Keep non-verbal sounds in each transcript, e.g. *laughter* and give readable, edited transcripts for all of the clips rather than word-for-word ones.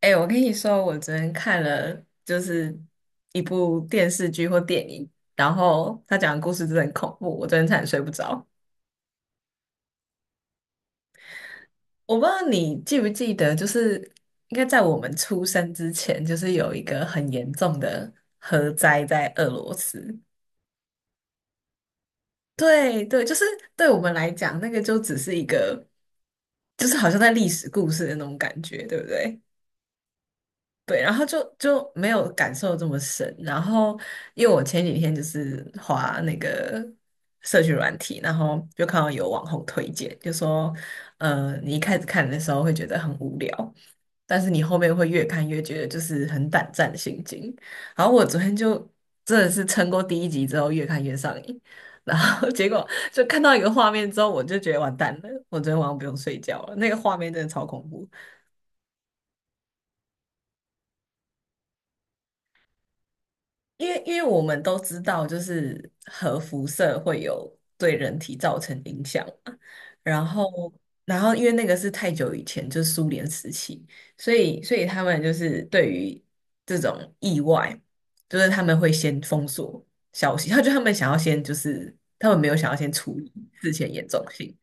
哎、我跟你说，我昨天看了就是一部电视剧或电影，然后他讲的故事真的很恐怖，我昨天差点睡不着。我不知道你记不记得，就是应该在我们出生之前，就是有一个很严重的核灾在俄罗斯。对对，就是对我们来讲，那个就只是一个，就是好像在历史故事的那种感觉，对不对？对，然后就没有感受这么深。然后，因为我前几天就是滑那个社群软体，然后就看到有网红推荐，就说，你一开始看的时候会觉得很无聊，但是你后面会越看越觉得就是很胆战心惊。然后我昨天就真的是撑过第一集之后，越看越上瘾。然后 *laughs* 结果就看到一个画面之后，我就觉得完蛋了，我昨天晚上不用睡觉了，那个画面真的超恐怖。因为我们都知道，就是核辐射会有对人体造成影响嘛。然后，然后因为那个是太久以前，就是苏联时期，所以他们就是对于这种意外，就是他们会先封锁消息，他们想要先就是他们没有想要先处理事前严重性，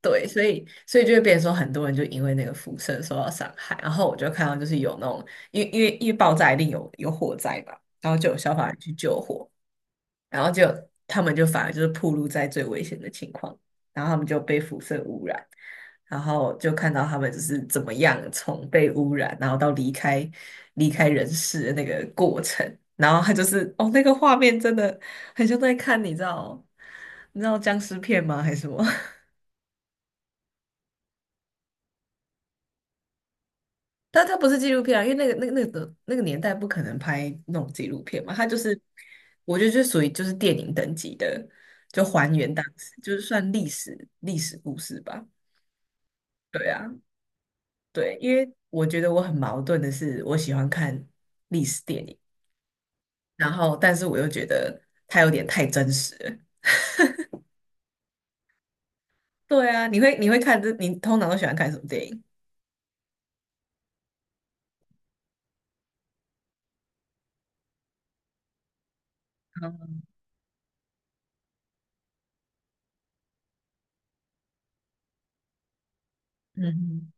对，所以就会变成说，很多人就因为那个辐射受到伤害。然后我就看到就是有那种，因为爆炸一定有火灾嘛，然后就有消防员去救火，然后就他们就反而就是暴露在最危险的情况，然后他们就被辐射污染，然后就看到他们就是怎么样从被污染，然后到离开人世的那个过程。然后他就是哦，那个画面真的很像在看，你知道僵尸片吗？还是什么？但它不是纪录片啊，因为那个年代不可能拍那种纪录片嘛，它就是，我觉得就属于就是电影等级的，就还原当时，就是算历史故事吧。对啊，对，因为我觉得我很矛盾的是，我喜欢看历史电影，然后但是我又觉得它有点太真实了。对啊，你会看这，你通常都喜欢看什么电影？嗯，嗯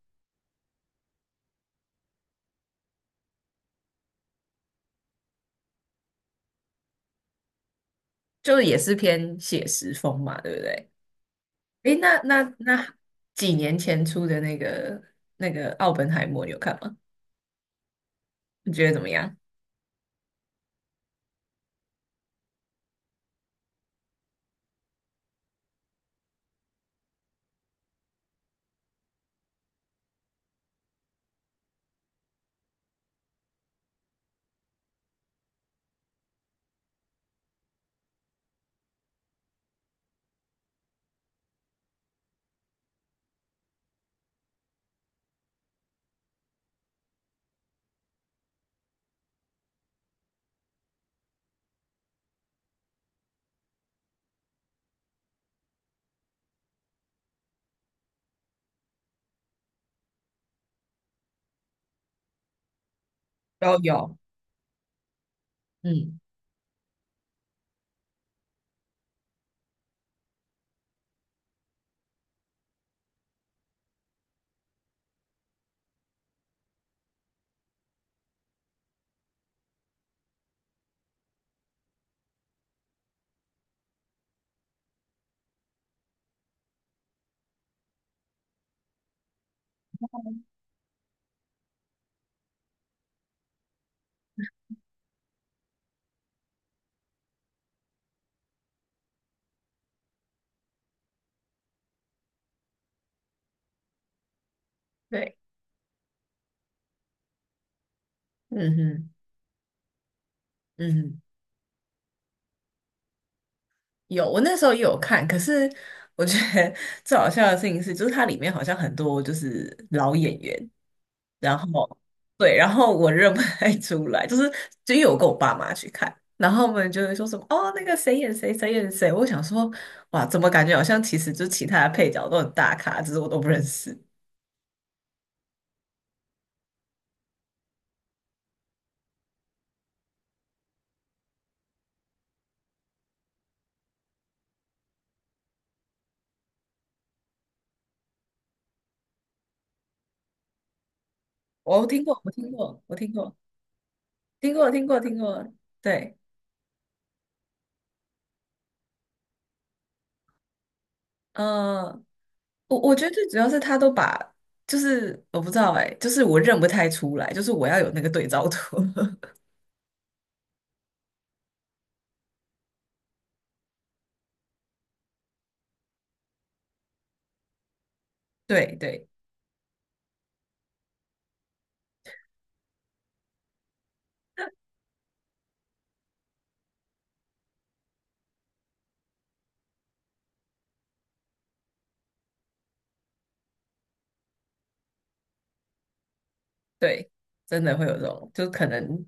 就也是偏写实风嘛，对不对？诶，那几年前出的那个那个《奥本海默》，你有看吗？你觉得怎么样？都有，嗯，对，嗯哼，嗯哼，有。我那时候也有看，可是我觉得 *laughs* 最好笑的事情是，就是它里面好像很多就是老演员，然后对，然后我认不太出来，就是只有为我跟我爸妈去看，然后我们就会说什么哦，那个谁演谁，谁演谁。我想说，哇，怎么感觉好像其实就其他的配角都很大咖，只是我都不认识。我听过，我听过，我听过，听过，听过，听过。对，呃，我觉得最主要是他都把，就是我不知道哎、就是我认不太出来，就是我要有那个对照图。*laughs* 对对对，真的会有这种，就可能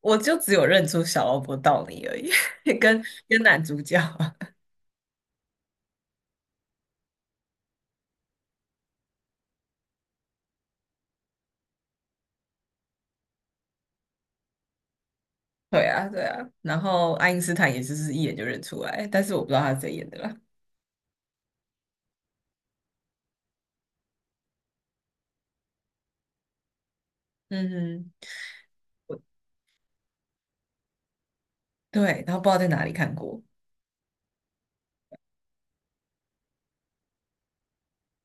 我就只有认出小劳勃道尼而已，*laughs* 跟跟男主角。*laughs* 对啊，对啊，然后爱因斯坦也就是一眼就认出来，但是我不知道他是谁演的啦。嗯哼，对，然后不知道在哪里看过。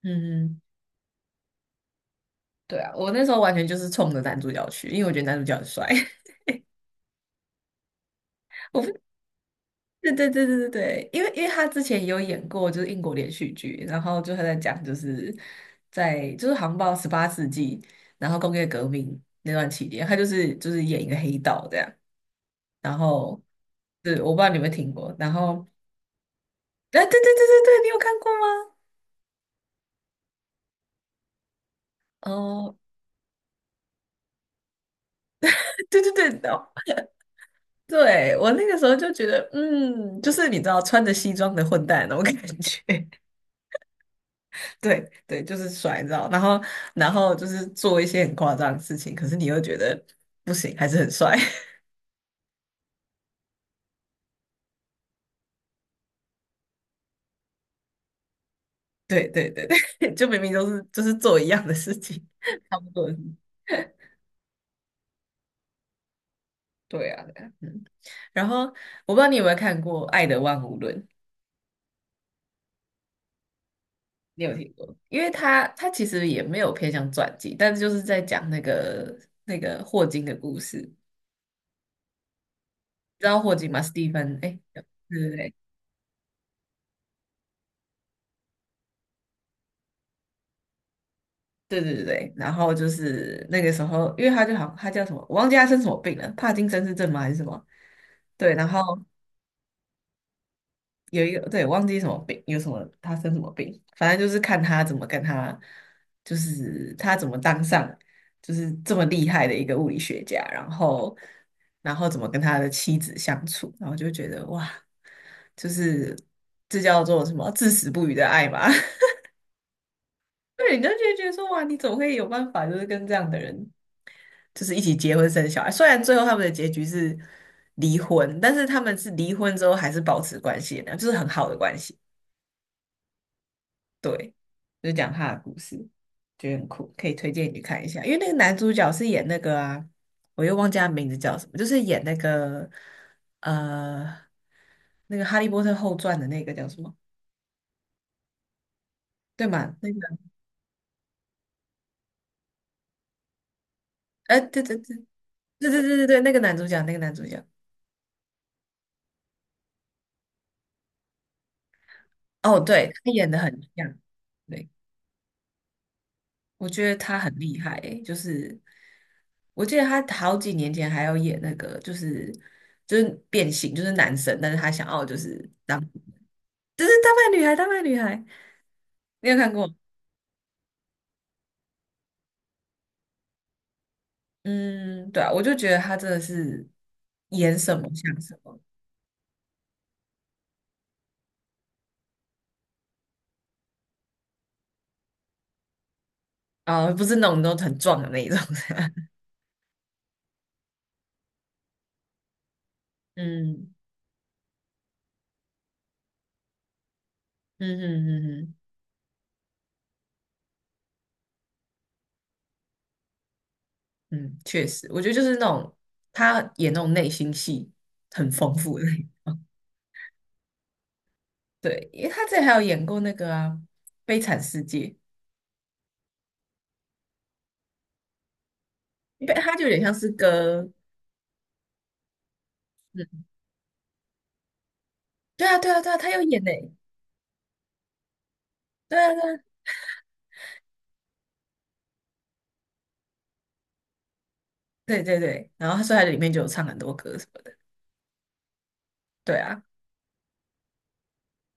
嗯哼。对啊，我那时候完全就是冲着男主角去，因为我觉得男主角很帅。*laughs* 我不，对对对对对对，因为他之前也有演过就是英国连续剧，然后就他在讲就是在就是航像到18世纪，然后工业革命那段期间，他就是演一个黑道这样。然后，对，我不知道你有没有听过。然后，哎、对对对对对，你有看过吗？哦，*laughs* 对对对，哦，对，我那个时候就觉得，嗯，就是你知道穿着西装的混蛋那种感觉。对对，就是甩绕，然后就是做一些很夸张的事情，可是你又觉得不行，还是很帅。*laughs* 对对对对，*laughs* 就明明都是就是做一样的事情，*laughs* 差不多的事情。对啊，对啊，嗯。然后我不知道你有没有看过《爱的万物论》，你有听过？因为他其实也没有偏向传记，但是就是在讲那个霍金的故事。你知道霍金吗？史蒂芬，哎，对对对，对对对对，然后就是那个时候，因为他就好，他叫什么，我忘记他生什么病了，帕金森氏症吗还是什么？对，然后有一个，对，我忘记什么病，有什么他生什么病，反正就是看他怎么跟他，就是他怎么当上就是这么厉害的一个物理学家，然后怎么跟他的妻子相处，然后就觉得哇，就是这叫做什么至死不渝的爱吧。*laughs* 对，你就觉得说，哇，你怎么会有办法，就是跟这样的人就是一起结婚生小孩。虽然最后他们的结局是离婚，但是他们是离婚之后还是保持关系的，就是很好的关系。对，就讲他的故事，觉得很酷，可以推荐你去看一下。因为那个男主角是演那个啊，我又忘记他名字叫什么，就是演那个呃那个《哈利波特后传》的那个叫什么？对吗？那个，哎、对对对对对对对对，那个男主角，那个男主角，哦，对，他演的很像。对。我觉得他很厉害欸，就是我记得他好几年前还要演那个，就是变性，就是男神，但是他想要就是当，就是丹麦女孩，丹麦女孩，你有看过？嗯，对啊，我就觉得他真的是演什么像什么。啊，不是那种都很壮的那一种。*laughs* 嗯嗯嗯嗯嗯嗯，确实，我觉得就是那种他演那种内心戏很丰富的，*laughs* 对，因为他之前还有演过那个啊《悲惨世界》。因为他就有点像是歌，嗯，对啊，对啊，对啊，他有演呢，对啊，对啊，对对对，然后他所以他里面就有唱很多歌什么的，对啊，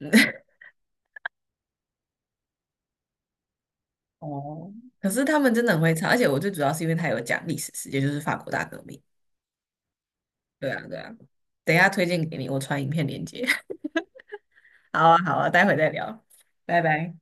嗯 *laughs*，哦，可是他们真的很会唱，而且我最主要是因为他有讲历史事件，就是法国大革命，对啊，对啊，等一下推荐给你，我传影片链接，*laughs* 好啊，好啊，待会再聊，拜拜。